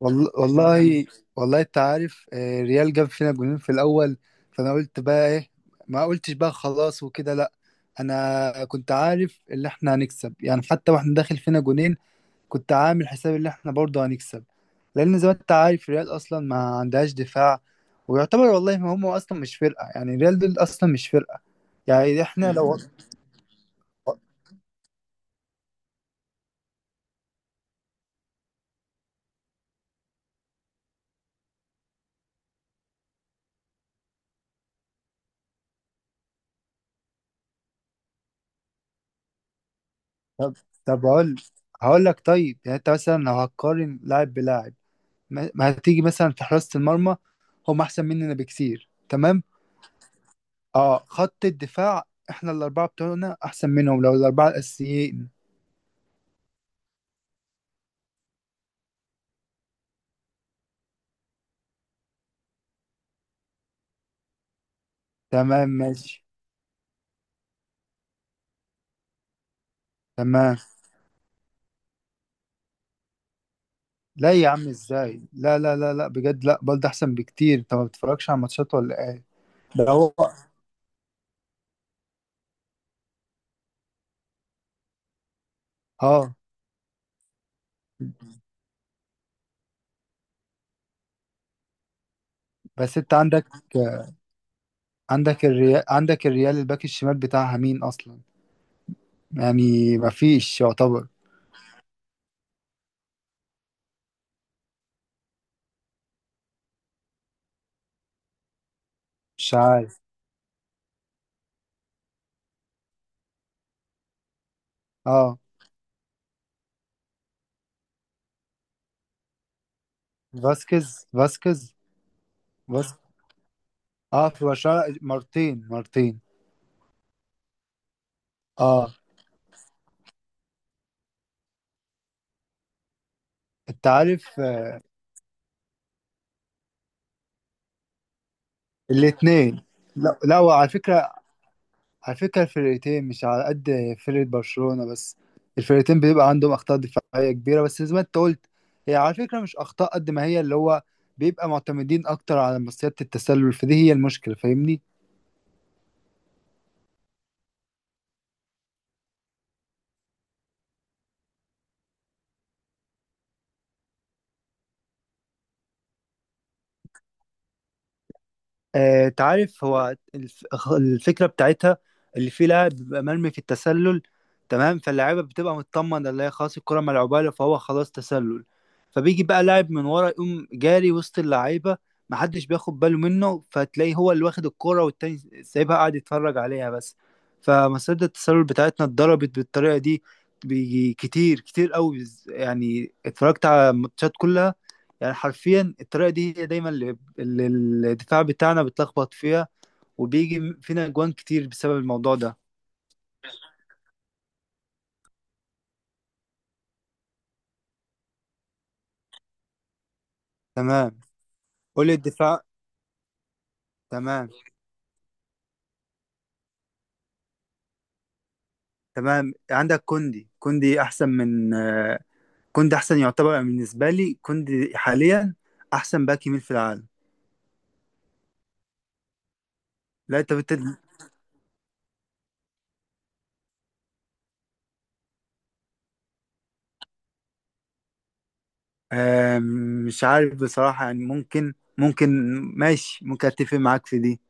والله والله والله انت عارف ريال جاب فينا جونين في الاول. فانا قلت بقى ايه؟ ما قلتش بقى خلاص وكده، لا. انا كنت عارف ان احنا هنكسب، يعني حتى واحنا داخل فينا جونين كنت عامل حساب ان احنا برضه هنكسب، لان زي ما انت عارف ريال اصلا ما عندهاش دفاع. ويعتبر والله ما هم اصلا مش فرقه، يعني ريال دول اصلا مش فرقه. يعني احنا لو طب طب، هقول لك طيب، يعني انت مثلا لو هتقارن لاعب بلاعب ما هتيجي مثلا في حراسة المرمى هم احسن مننا بكتير. تمام. اه، خط الدفاع احنا الاربعة بتوعنا احسن منهم، لو الاربعة الاساسيين. تمام ماشي. تمام. لا يا عم ازاي، لا لا لا لا بجد، لا بلد احسن بكتير. انت ما بتتفرجش على ماتشات ولا ايه؟ ده هو. اه، بس انت عندك الريال عندك الريال الباك الشمال بتاعها مين اصلا؟ يعني ما فيش يعتبر. مش عارف. اه، فاسكيز. اه، في برشلونة مرتين مرتين. اه، انت عارف الاتنين. لا لا، وعلى فكرة الفرقتين مش على قد فرقة برشلونة بس. الفرقتين بيبقى عندهم أخطاء دفاعية كبيرة، بس زي ما انت قلت هي على فكرة مش أخطاء قد ما هي اللي هو بيبقى معتمدين أكتر على مصيدة التسلل، فدي هي المشكلة. فاهمني؟ تعرف، الفكرة بتاعتها اللي فيه لاعب بيبقى مرمي في التسلل. تمام، فاللاعيبة بتبقى مطمنة اللي هي خلاص الكرة ملعوبة له فهو خلاص تسلل. فبيجي بقى لاعب من ورا يقوم جاري وسط اللعيبة، محدش بياخد باله منه، فتلاقيه هو اللي واخد الكرة، والتاني سايبها قاعد يتفرج عليها بس. فمصيدة التسلل بتاعتنا اتضربت بالطريقة دي. بيجي كتير كتير قوي، يعني اتفرجت على الماتشات كلها. يعني حرفيا الطريقة دي هي دايما اللي الدفاع بتاعنا بيتلخبط فيها، وبيجي فينا اجوان كتير بسبب الموضوع ده. تمام. قول لي الدفاع. تمام تمام. عندك كوندي احسن من كوندي احسن، يعتبر بالنسبه لي كوندي حاليا احسن باك يمين في العالم. لا انت بت... آه، مش عارف بصراحه، يعني ممكن. ماشي، ممكن اتفق معاك في دي.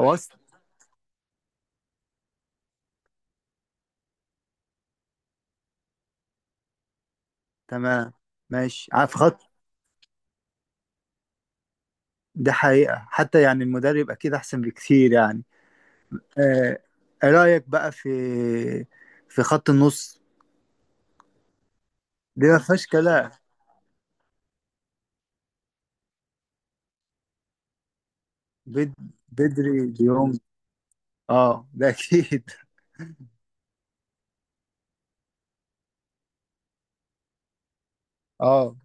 هو اصلا تمام ماشي. عارف خط ده حقيقه حتى، يعني المدرب اكيد احسن بكتير يعني. آه، رايك بقى في خط النص؟ دي ما فيهاش كلام. بد... بدري، ديونج. اه، ده اكيد اه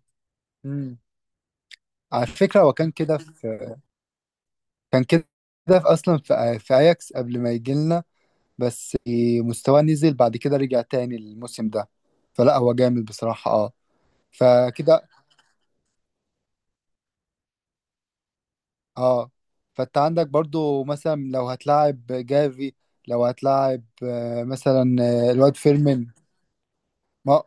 امم على فكرة هو كان كده في اصلا في اياكس قبل ما يجي لنا. بس مستواه نزل بعد كده، رجع تاني الموسم ده. فلا هو جامد بصراحة، اه، فكده، اه. فانت عندك برضو مثلا لو هتلاعب جافي، لو هتلاعب مثلا الواد فيرمين. ما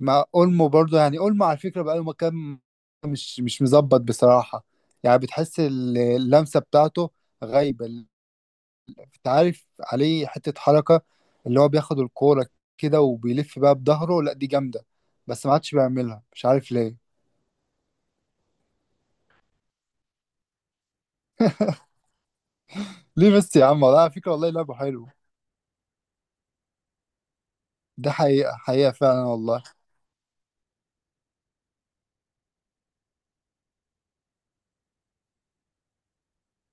مع اولمو برضه، يعني اولمو على فكره بقاله كام مش مظبط بصراحه. يعني بتحس اللمسه بتاعته غايبه انت عارف عليه حته حركه اللي هو بياخد الكوره كده وبيلف بقى بظهره، لا دي جامده، بس ما عادش بيعملها، مش عارف ليه. ليه بس يا عم؟ والله على فكره والله لعبه حلو. ده حقيقه حقيقه فعلا والله.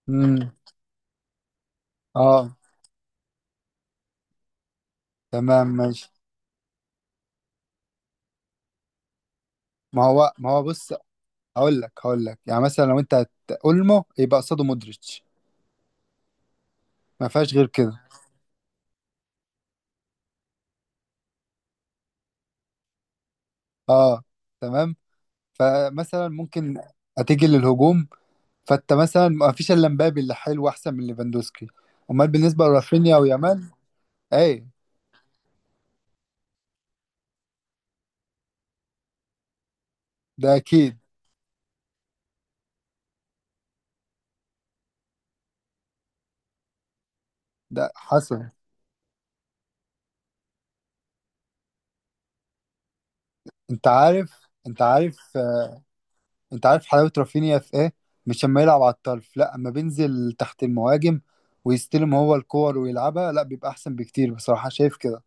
امم اه تمام ماشي. ما هو بص، هقول لك يعني مثلا لو انت اولمو يبقى قصاده مودريتش، ما فيهاش غير كده. اه، تمام. فمثلا ممكن هتيجي للهجوم، فانت مثلا ما فيش الا مبابي اللي حلو، احسن من ليفاندوسكي. امال بالنسبه لرافينيا ويامال ايه؟ ده اكيد. ده حصل. انت عارف انت عارف آه، انت عارف حلاوه رافينيا في ايه. مش لما يلعب على الطرف، لا، اما بينزل تحت المهاجم ويستلم هو الكور ويلعبها، لا بيبقى احسن بكتير بصراحه. شايف كده؟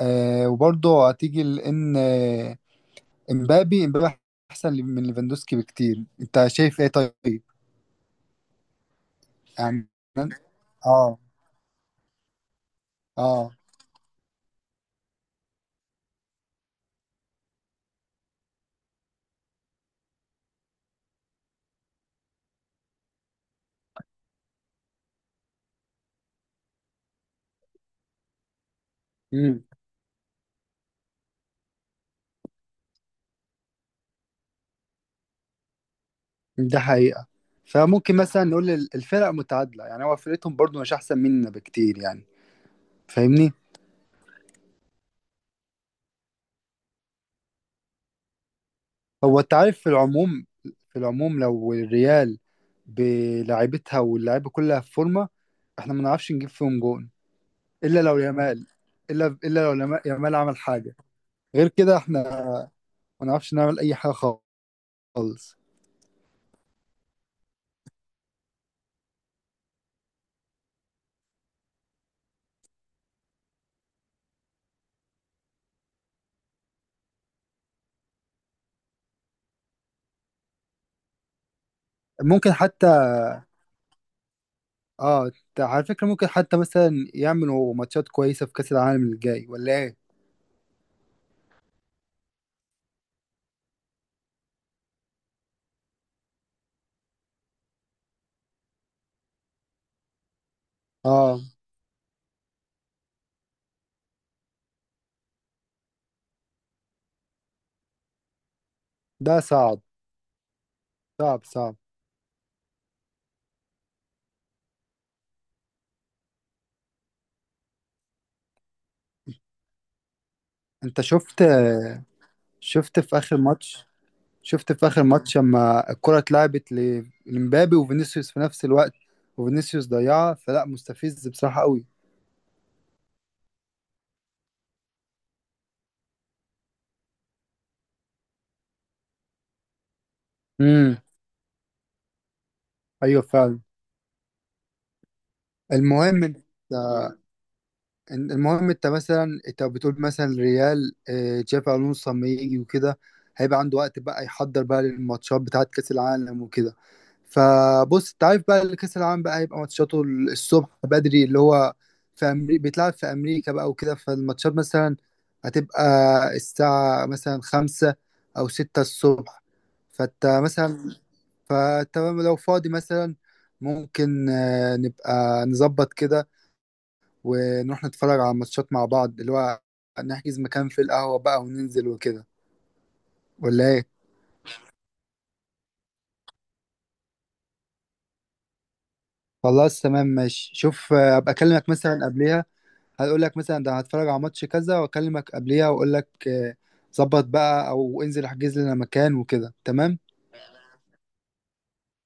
آه، وبرضه هتيجي لان امبابي احسن من ليفاندوسكي بكتير. انت شايف ايه طيب؟ عمان. اه اه امم ده حقيقة. فممكن مثلا نقول الفرق متعادلة، يعني هو فرقتهم برضو مش أحسن مننا بكتير يعني. فاهمني؟ هو أنت عارف، في العموم، لو الريال بلاعيبتها واللعيبة كلها في فورمة احنا ما نعرفش نجيب فيهم جون، إلا لو يامال، يامال عمل حاجة. غير كده احنا ما نعرفش نعمل أي حاجة خالص. ممكن حتى، على فكرة ممكن حتى مثلا يعملوا ماتشات كويسة في كأس العالم الجاي، ولا ايه؟ اه. ده صعب صعب صعب. انت شفت؟ شفت في اخر ماتش شفت في اخر ماتش لما الكرة اتلعبت لمبابي وفينيسيوس في نفس الوقت، وفينيسيوس ضيعها. فلا، مستفز بصراحة قوي. امم. ايوه فعلا. المهم انت المهم انت مثلا انت بتقول مثلا ريال، تشافي الونسو لما يجي وكده هيبقى عنده وقت بقى يحضر بقى للماتشات بتاعت كاس العالم وكده. فبص، انت عارف بقى، اللي كاس العالم بقى هيبقى ماتشاته الصبح بدري، اللي هو في أمريكا، بيتلعب في امريكا بقى وكده. فالماتشات مثلا هتبقى الساعة مثلا 5 او 6 الصبح. فانت مثلا فانت لو فاضي مثلا ممكن نبقى نظبط كده ونروح نتفرج على ماتشات مع بعض، اللي هو نحجز مكان في القهوة بقى وننزل وكده، ولا ايه؟ خلاص تمام ماشي. شوف، ابقى اكلمك مثلا قبليها. هقول لك مثلا ده هتفرج على ماتش كذا، واكلمك قبليها واقول لك ظبط بقى، او انزل احجز لنا مكان وكده. تمام.